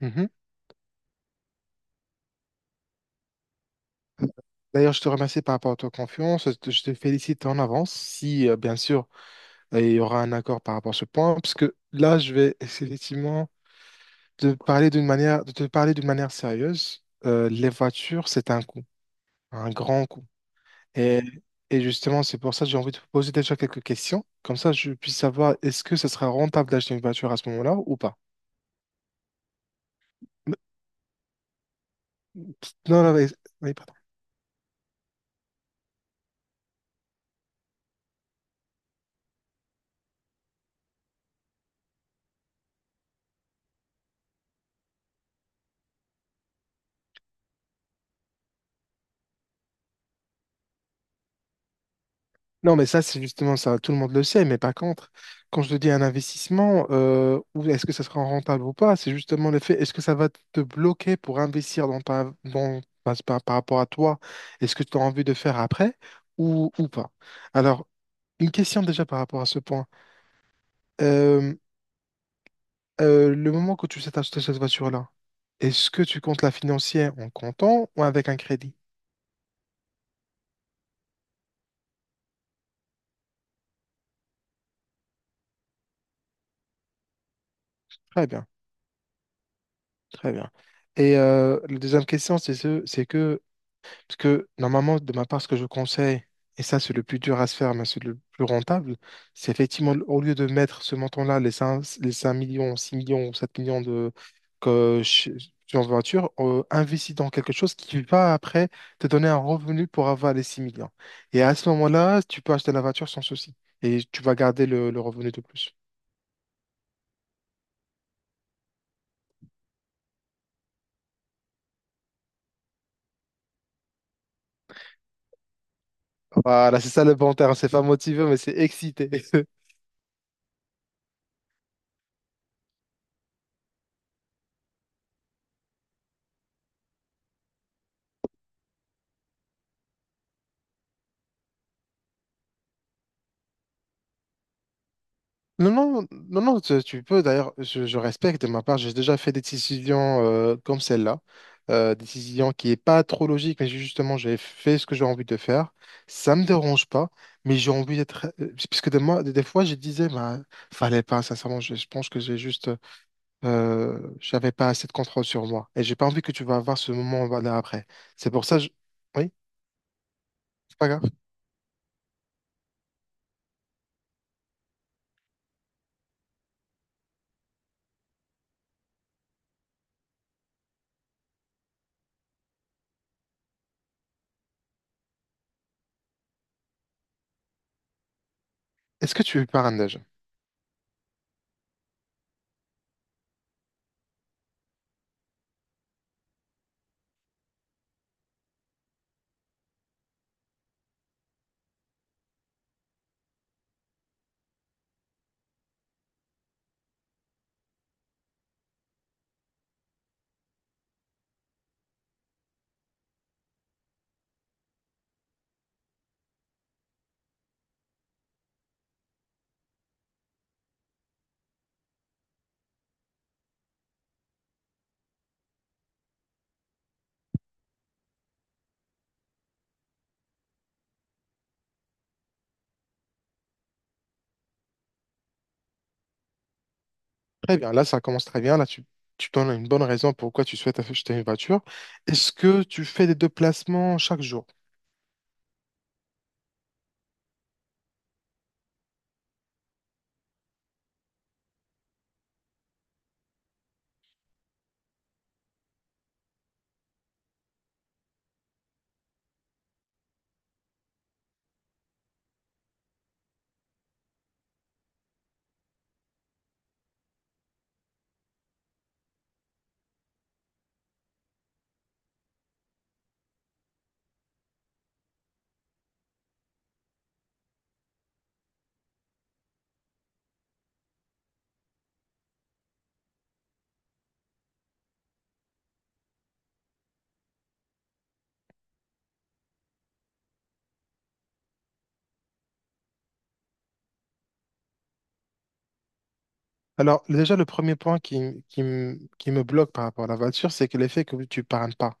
Mhm. D'ailleurs, je te remercie par rapport à ta confiance. Je te félicite en avance si, bien sûr, il y aura un accord par rapport à ce point, parce que là, je vais effectivement te parler d'une manière, de te parler d'une manière sérieuse. Les voitures, c'est un coût, un grand coût. Et, et justement, c'est pour ça que j'ai envie de te poser déjà quelques questions. Comme ça, je puisse savoir est-ce que ce sera rentable d'acheter une voiture à ce moment-là ou pas. Non, non, mais- oui. Non, mais ça, c'est justement ça. Tout le monde le sait. Mais par contre, quand je te dis un investissement, ou est-ce que ça sera rentable ou pas, c'est justement le fait, est-ce que ça va te bloquer pour investir dans ta, dans, par, par rapport à toi est ce que tu as envie de faire après ou pas. Alors, une question déjà par rapport à ce point. Euh, le moment que tu t'achètes cette voiture-là, est-ce que tu comptes la financer en comptant ou avec un crédit? Très bien, très bien. Et la deuxième question, c'est que parce que normalement, de ma part, ce que je conseille, et ça c'est le plus dur à se faire, mais c'est le plus rentable, c'est effectivement, au lieu de mettre ce montant-là, les 5 millions, 6 millions ou 7 millions de que, ch- sur une voiture, investis dans quelque chose qui va après te donner un revenu pour avoir les 6 millions. Et à ce moment-là, tu peux acheter la voiture sans souci. Et tu vas garder le revenu de plus. Voilà, c'est ça le bon terme. C'est pas motivé, mais c'est excité. Non, non, non, non, tu peux. D'ailleurs, je respecte de ma part. J'ai déjà fait des décisions comme celle-là. Décision qui n'est pas trop logique, mais justement, j'ai fait ce que j'ai envie de faire. Ça me dérange pas, mais j'ai envie d'être. Puisque des, moi, des fois, je disais, bah, fallait pas, sincèrement, je pense que j'ai juste. J'avais pas assez de contrôle sur moi. Et j'ai pas envie que tu vas avoir ce moment là après. C'est pour ça, oui, c'est pas grave. Est-ce que tu parles déjà? Très bien, là ça commence très bien. Tu donnes une bonne raison pourquoi tu souhaites acheter une voiture. Est-ce que tu fais des déplacements chaque jour? Alors déjà le premier point qui me bloque par rapport à la voiture, c'est que l'effet que tu épargnes pas.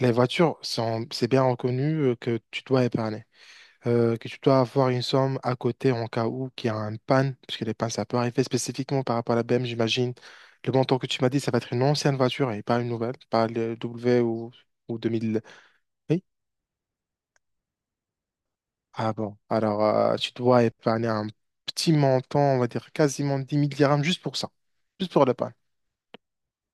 Les voitures, c'est bien reconnu que tu dois épargner, que tu dois avoir une somme à côté en cas où qu'il y a une panne, puisque les pannes ça peut arriver spécifiquement par rapport à la BM, j'imagine. Le montant que tu m'as dit, ça va être une ancienne voiture et pas une nouvelle, pas le W ou 2000. Ah bon, alors tu dois épargner un petit montant, on va dire quasiment dix mille dirhams juste pour ça, juste pour le pain.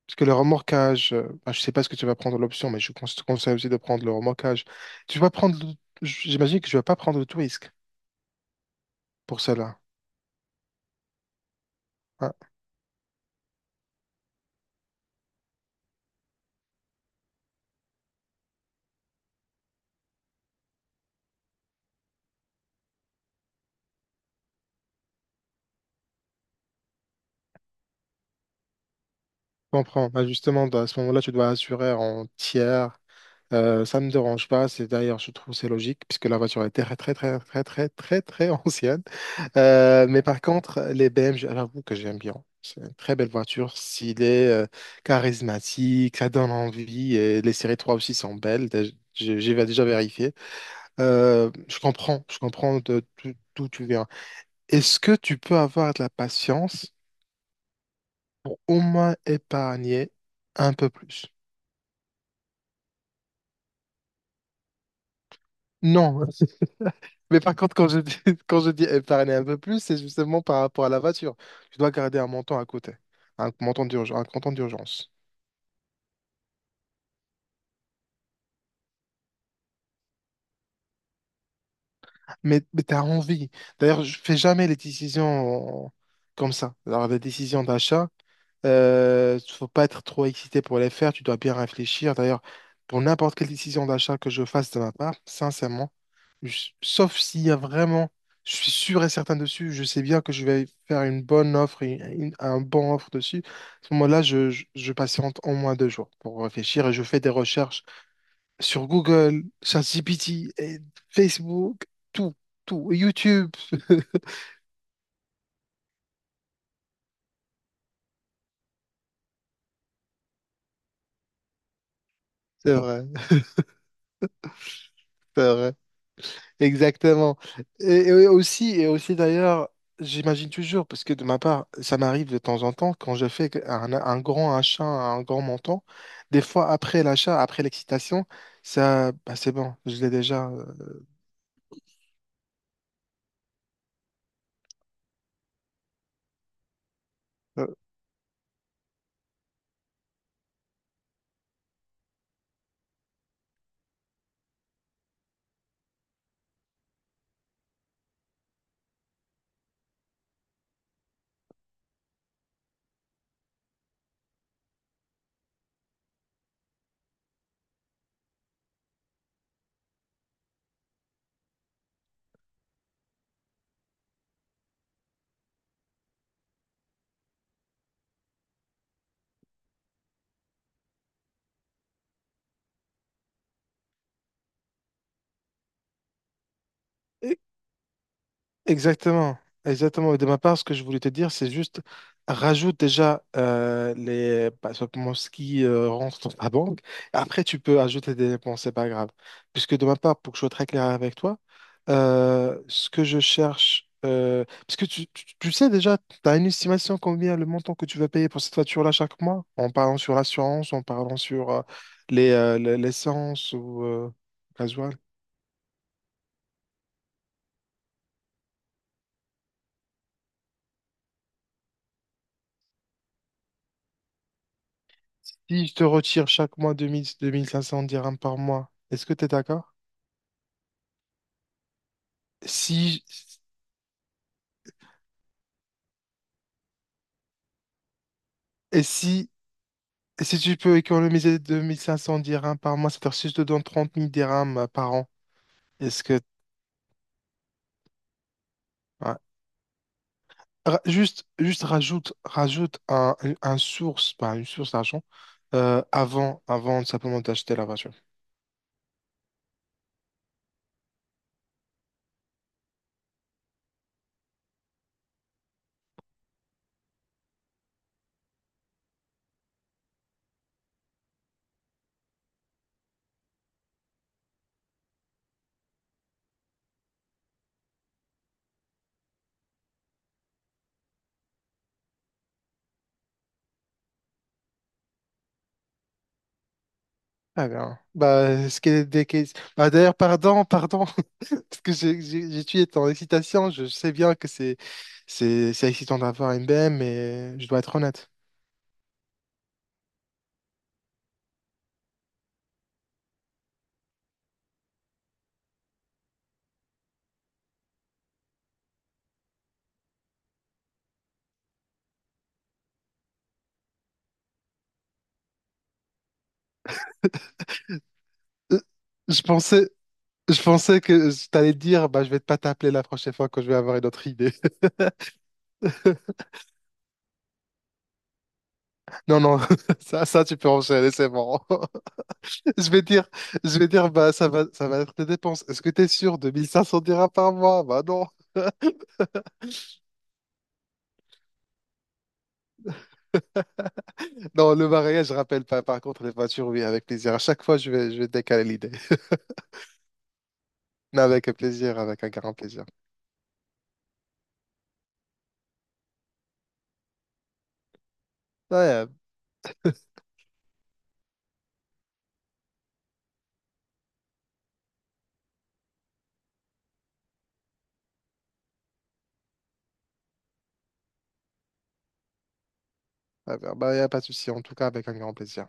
Parce que le remorquage, bah, je ne sais pas ce que tu vas prendre l'option, mais je te conseille aussi de prendre le remorquage. Tu vas prendre, le- j'imagine que tu vas pas prendre le tout risque pour cela. Hein. Comprends. Bah, justement, bah, à ce moment-là, tu dois assurer en tiers. Ça ne me dérange pas. C'est d'ailleurs, je trouve, c'est logique puisque la voiture est très, très, très, très, très, très, très ancienne. Mais par contre, les BMG, j'avoue que j'aime bien. C'est une très belle voiture, stylée, charismatique, ça donne envie. Et les séries 3 aussi sont belles. J'ai déjà vérifié. Je comprends, je comprends d'où tu viens. Est-ce que tu peux avoir de la patience pour au moins épargner un peu plus? Non, mais par contre, quand je dis, quand je dis épargner un peu plus, c'est justement par rapport à la voiture. Tu dois garder un montant à côté, un montant d'urgence, un montant d'urgence. Mais tu as envie. D'ailleurs, je fais jamais les décisions comme ça. Alors, les décisions d'achat, faut pas être trop excité pour les faire, tu dois bien réfléchir. D'ailleurs, pour n'importe quelle décision d'achat que je fasse de ma part, sincèrement, sauf s'il y a vraiment, je suis sûr et certain dessus, je sais bien que je vais faire une bonne offre, un bon offre dessus. À ce moment-là, je patiente au moins deux jours pour réfléchir et je fais des recherches sur Google, ChatGPT, et Facebook, tout, tout, YouTube. C'est vrai, c'est vrai. Exactement. Et aussi d'ailleurs, j'imagine toujours, parce que de ma part, ça m'arrive de temps en temps, quand je fais un grand achat, un grand montant, des fois après l'achat, après l'excitation, ça, bah, c'est bon, je l'ai déjà. euh, euh, Exactement, exactement. Et de ma part, ce que je voulais te dire, c'est juste rajoute déjà les bah, simplement ce qui rentre dans ta banque. Après, tu peux ajouter des dépenses, c'est pas grave. Puisque de ma part, pour que je sois très clair avec toi, ce que je cherche, parce que tu sais déjà, tu as une estimation combien le montant que tu vas payer pour cette voiture-là chaque mois, en parlant sur l'assurance, en parlant sur les l'essence ou gasoil. Si je te retire chaque mois deux mille deux mille cinq cents dirhams par mois, est-ce que tu es d'accord? Si, et si, et si tu peux économiser 2500 dirhams par mois, c'est-à-dire si je te donne 30 000 dirhams par an, est-ce que... ouais. Juste rajoute, rajoute un source, pas une source d'argent, avant, avant simplement d'acheter la voiture. Ah bien. Bah, est-ce qu'il y a des cases- bah, d'ailleurs, pardon, pardon, parce que j'ai tué ton excitation. Je sais bien que c'est excitant d'avoir une BM, mais je dois être honnête. Euh, Je pensais je pensais que je t'allais dire, bah, je vais pas t'appeler la prochaine fois quand je vais avoir une autre idée. Non, non, ça tu peux enchaîner, c'est bon. Je vais dire, je vais dire, bah, ça va être des dépenses. Est-ce que t'es sûr de 1500 dirhams par mois? Bah non. Non, le mariage, je rappelle pas. Par contre, les voitures, oui, avec plaisir. À chaque fois, je vais décaler l'idée. Mais avec plaisir, avec un grand plaisir. Ouais, euh, ouais, ouais, bah, y a pas de souci. En tout cas, avec un grand plaisir.